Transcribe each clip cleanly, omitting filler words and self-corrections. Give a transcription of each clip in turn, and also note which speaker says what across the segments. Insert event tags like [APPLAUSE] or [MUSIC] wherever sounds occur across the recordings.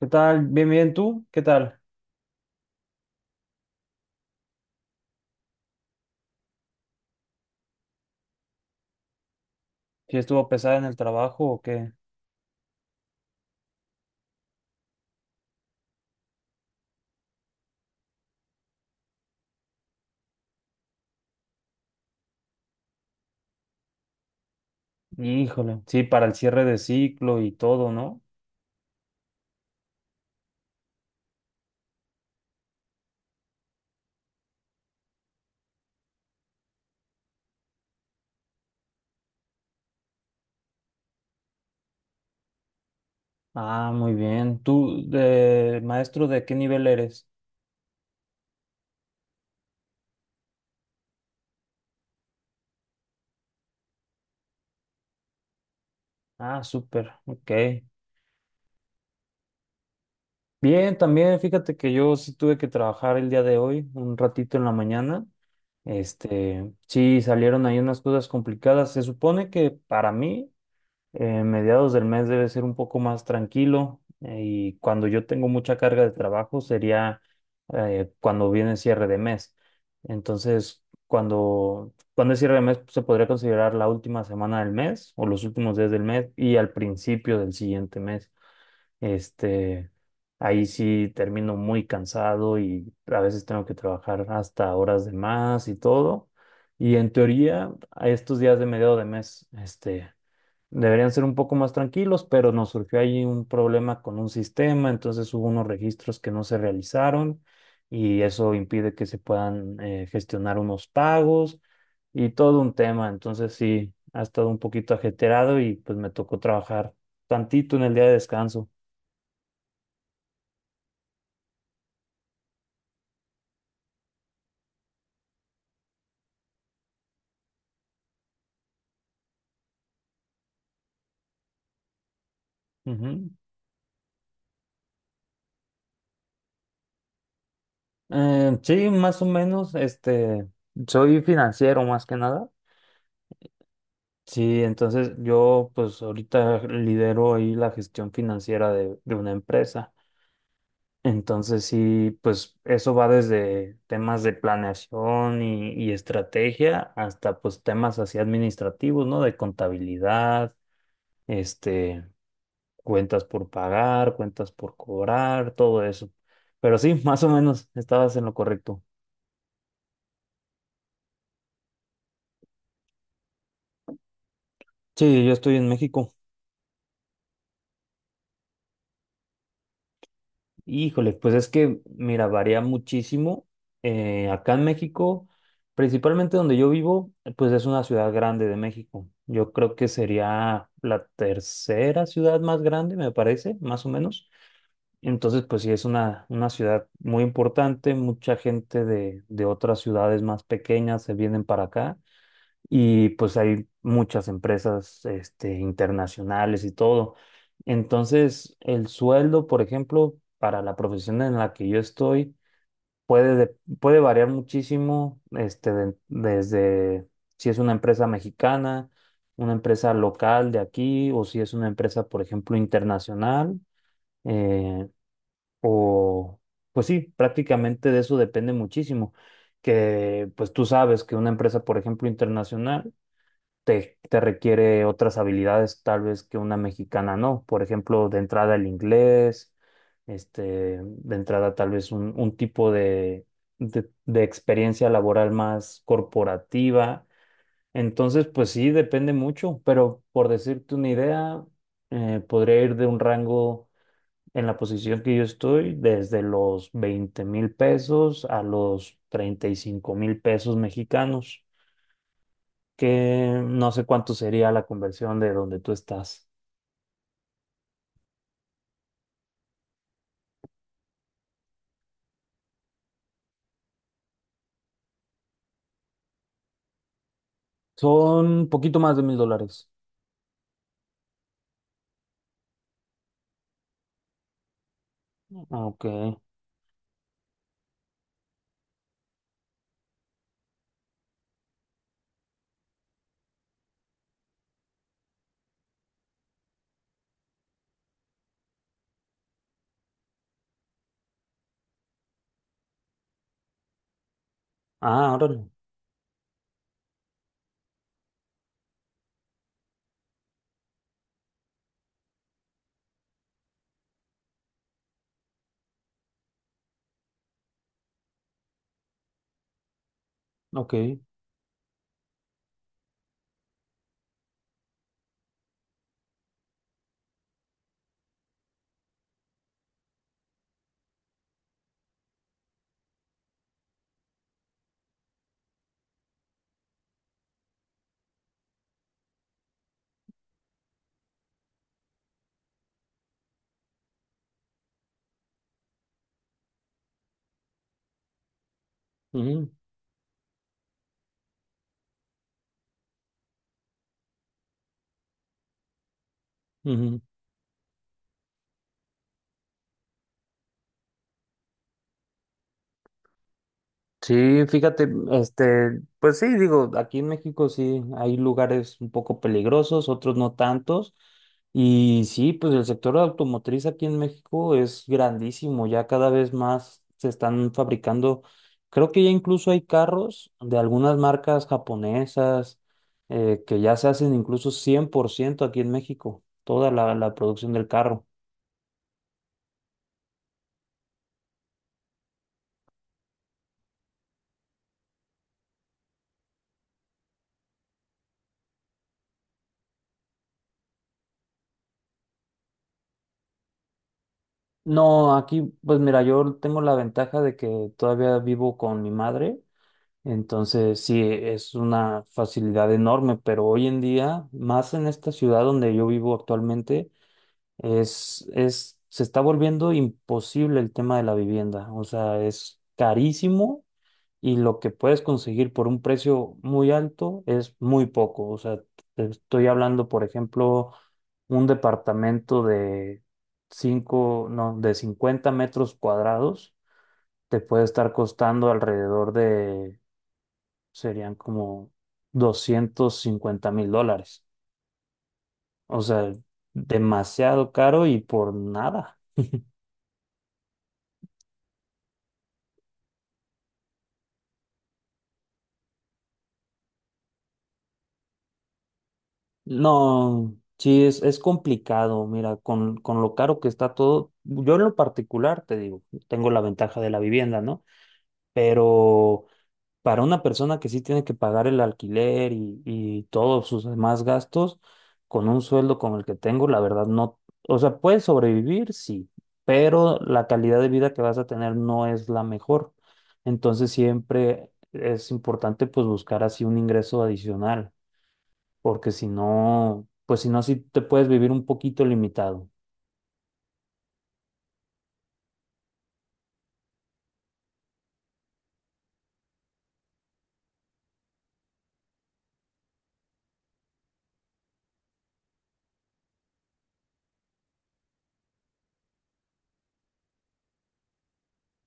Speaker 1: ¿Qué tal? Bien, bien, ¿tú? ¿Qué tal? ¿Si estuvo pesada en el trabajo o qué? Híjole, sí, para el cierre de ciclo y todo, ¿no? Ah, muy bien. ¿Tú, de maestro, de qué nivel eres? Ah, súper, ok. Bien, también fíjate que yo sí tuve que trabajar el día de hoy, un ratito en la mañana. Sí, salieron ahí unas cosas complicadas. Se supone que para mí mediados del mes debe ser un poco más tranquilo y cuando yo tengo mucha carga de trabajo sería cuando viene el cierre de mes. Entonces, cuando es cierre de mes pues, se podría considerar la última semana del mes o los últimos días del mes y al principio del siguiente mes. Este, ahí sí termino muy cansado y a veces tengo que trabajar hasta horas de más y todo. Y en teoría, a estos días de mediado de mes, deberían ser un poco más tranquilos, pero nos surgió ahí un problema con un sistema, entonces hubo unos registros que no se realizaron y eso impide que se puedan gestionar unos pagos y todo un tema. Entonces sí, ha estado un poquito ajetreado y pues me tocó trabajar tantito en el día de descanso. Ujú. Sí, más o menos, soy financiero más que nada. Sí, entonces yo pues ahorita lidero ahí la gestión financiera de una empresa. Entonces sí, pues eso va desde temas de planeación y estrategia hasta pues temas así administrativos, ¿no? De contabilidad, este, cuentas por pagar, cuentas por cobrar, todo eso. Pero sí, [LAUGHS] más o menos estabas en lo correcto. Sí, yo estoy en México. Híjole, pues es que, mira, varía muchísimo. Acá en México, principalmente donde yo vivo, pues es una ciudad grande de México. Yo creo que sería la tercera ciudad más grande, me parece, más o menos. Entonces, pues sí, es una ciudad muy importante. Mucha gente de otras ciudades más pequeñas se vienen para acá y pues hay muchas empresas internacionales y todo. Entonces, el sueldo, por ejemplo, para la profesión en la que yo estoy, puede variar muchísimo desde si es una empresa mexicana, una empresa local de aquí, o si es una empresa, por ejemplo, internacional, eh, o pues sí, prácticamente de eso depende muchísimo. Que pues tú sabes que una empresa, por ejemplo, internacional, te requiere otras habilidades tal vez que una mexicana no. Por ejemplo, de entrada el inglés, de entrada tal vez un tipo de experiencia laboral más corporativa. Entonces, pues sí, depende mucho, pero por decirte una idea, podría ir de un rango en la posición que yo estoy desde los 20.000 pesos a los 35.000 pesos mexicanos que no sé cuánto sería la conversión de donde tú estás. Son un poquito más de 1.000 dólares. Ok. Ah, órale. Ok. Ujú, ujú. Sí, fíjate, pues sí, digo, aquí en México sí hay lugares un poco peligrosos, otros no tantos, y sí, pues el sector automotriz aquí en México es grandísimo, ya cada vez más se están fabricando, creo que ya incluso hay carros de algunas marcas japonesas que ya se hacen incluso 100% aquí en México, toda la, la producción del carro. No, aquí, pues mira, yo tengo la ventaja de que todavía vivo con mi madre. Entonces, sí, es una facilidad enorme, pero hoy en día, más en esta ciudad donde yo vivo actualmente, se está volviendo imposible el tema de la vivienda. O sea, es carísimo y lo que puedes conseguir por un precio muy alto es muy poco. O sea, te estoy hablando, por ejemplo, un departamento de 50 metros cuadrados te puede estar costando alrededor de serían como 250.000 dólares. O sea, demasiado caro y por nada. No, sí, es complicado. Mira, con lo caro que está todo, yo en lo particular, te digo, tengo la ventaja de la vivienda, ¿no? Pero para una persona que sí tiene que pagar el alquiler y todos sus demás gastos, con un sueldo como el que tengo, la verdad no, o sea, puedes sobrevivir, sí, pero la calidad de vida que vas a tener no es la mejor. Entonces siempre es importante pues buscar así un ingreso adicional, porque si no, pues si no, sí te puedes vivir un poquito limitado.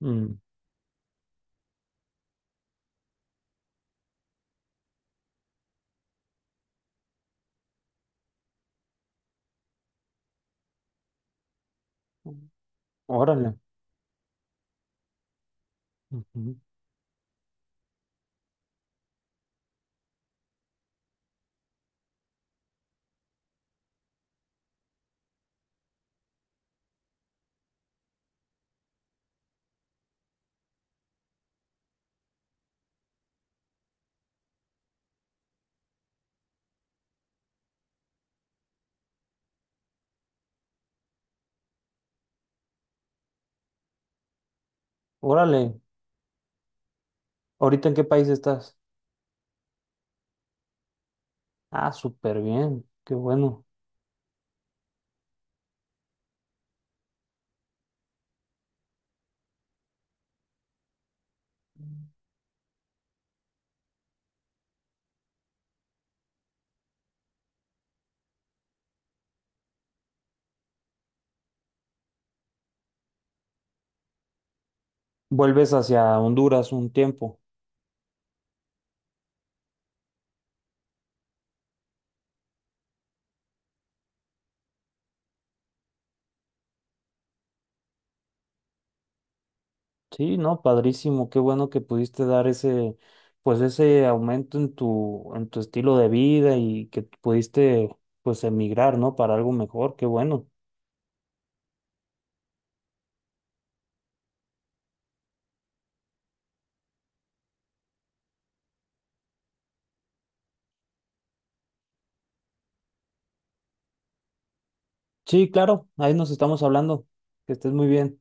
Speaker 1: Mm. Órale. Ujú. Órale. ¿Ahorita en qué país estás? Ah, súper bien. Qué bueno. Vuelves hacia Honduras un tiempo. Sí, no, padrísimo, qué bueno que pudiste dar ese, pues ese aumento en tu estilo de vida y que pudiste, pues emigrar, ¿no? Para algo mejor, qué bueno. Sí, claro, ahí nos estamos hablando. Que estés muy bien.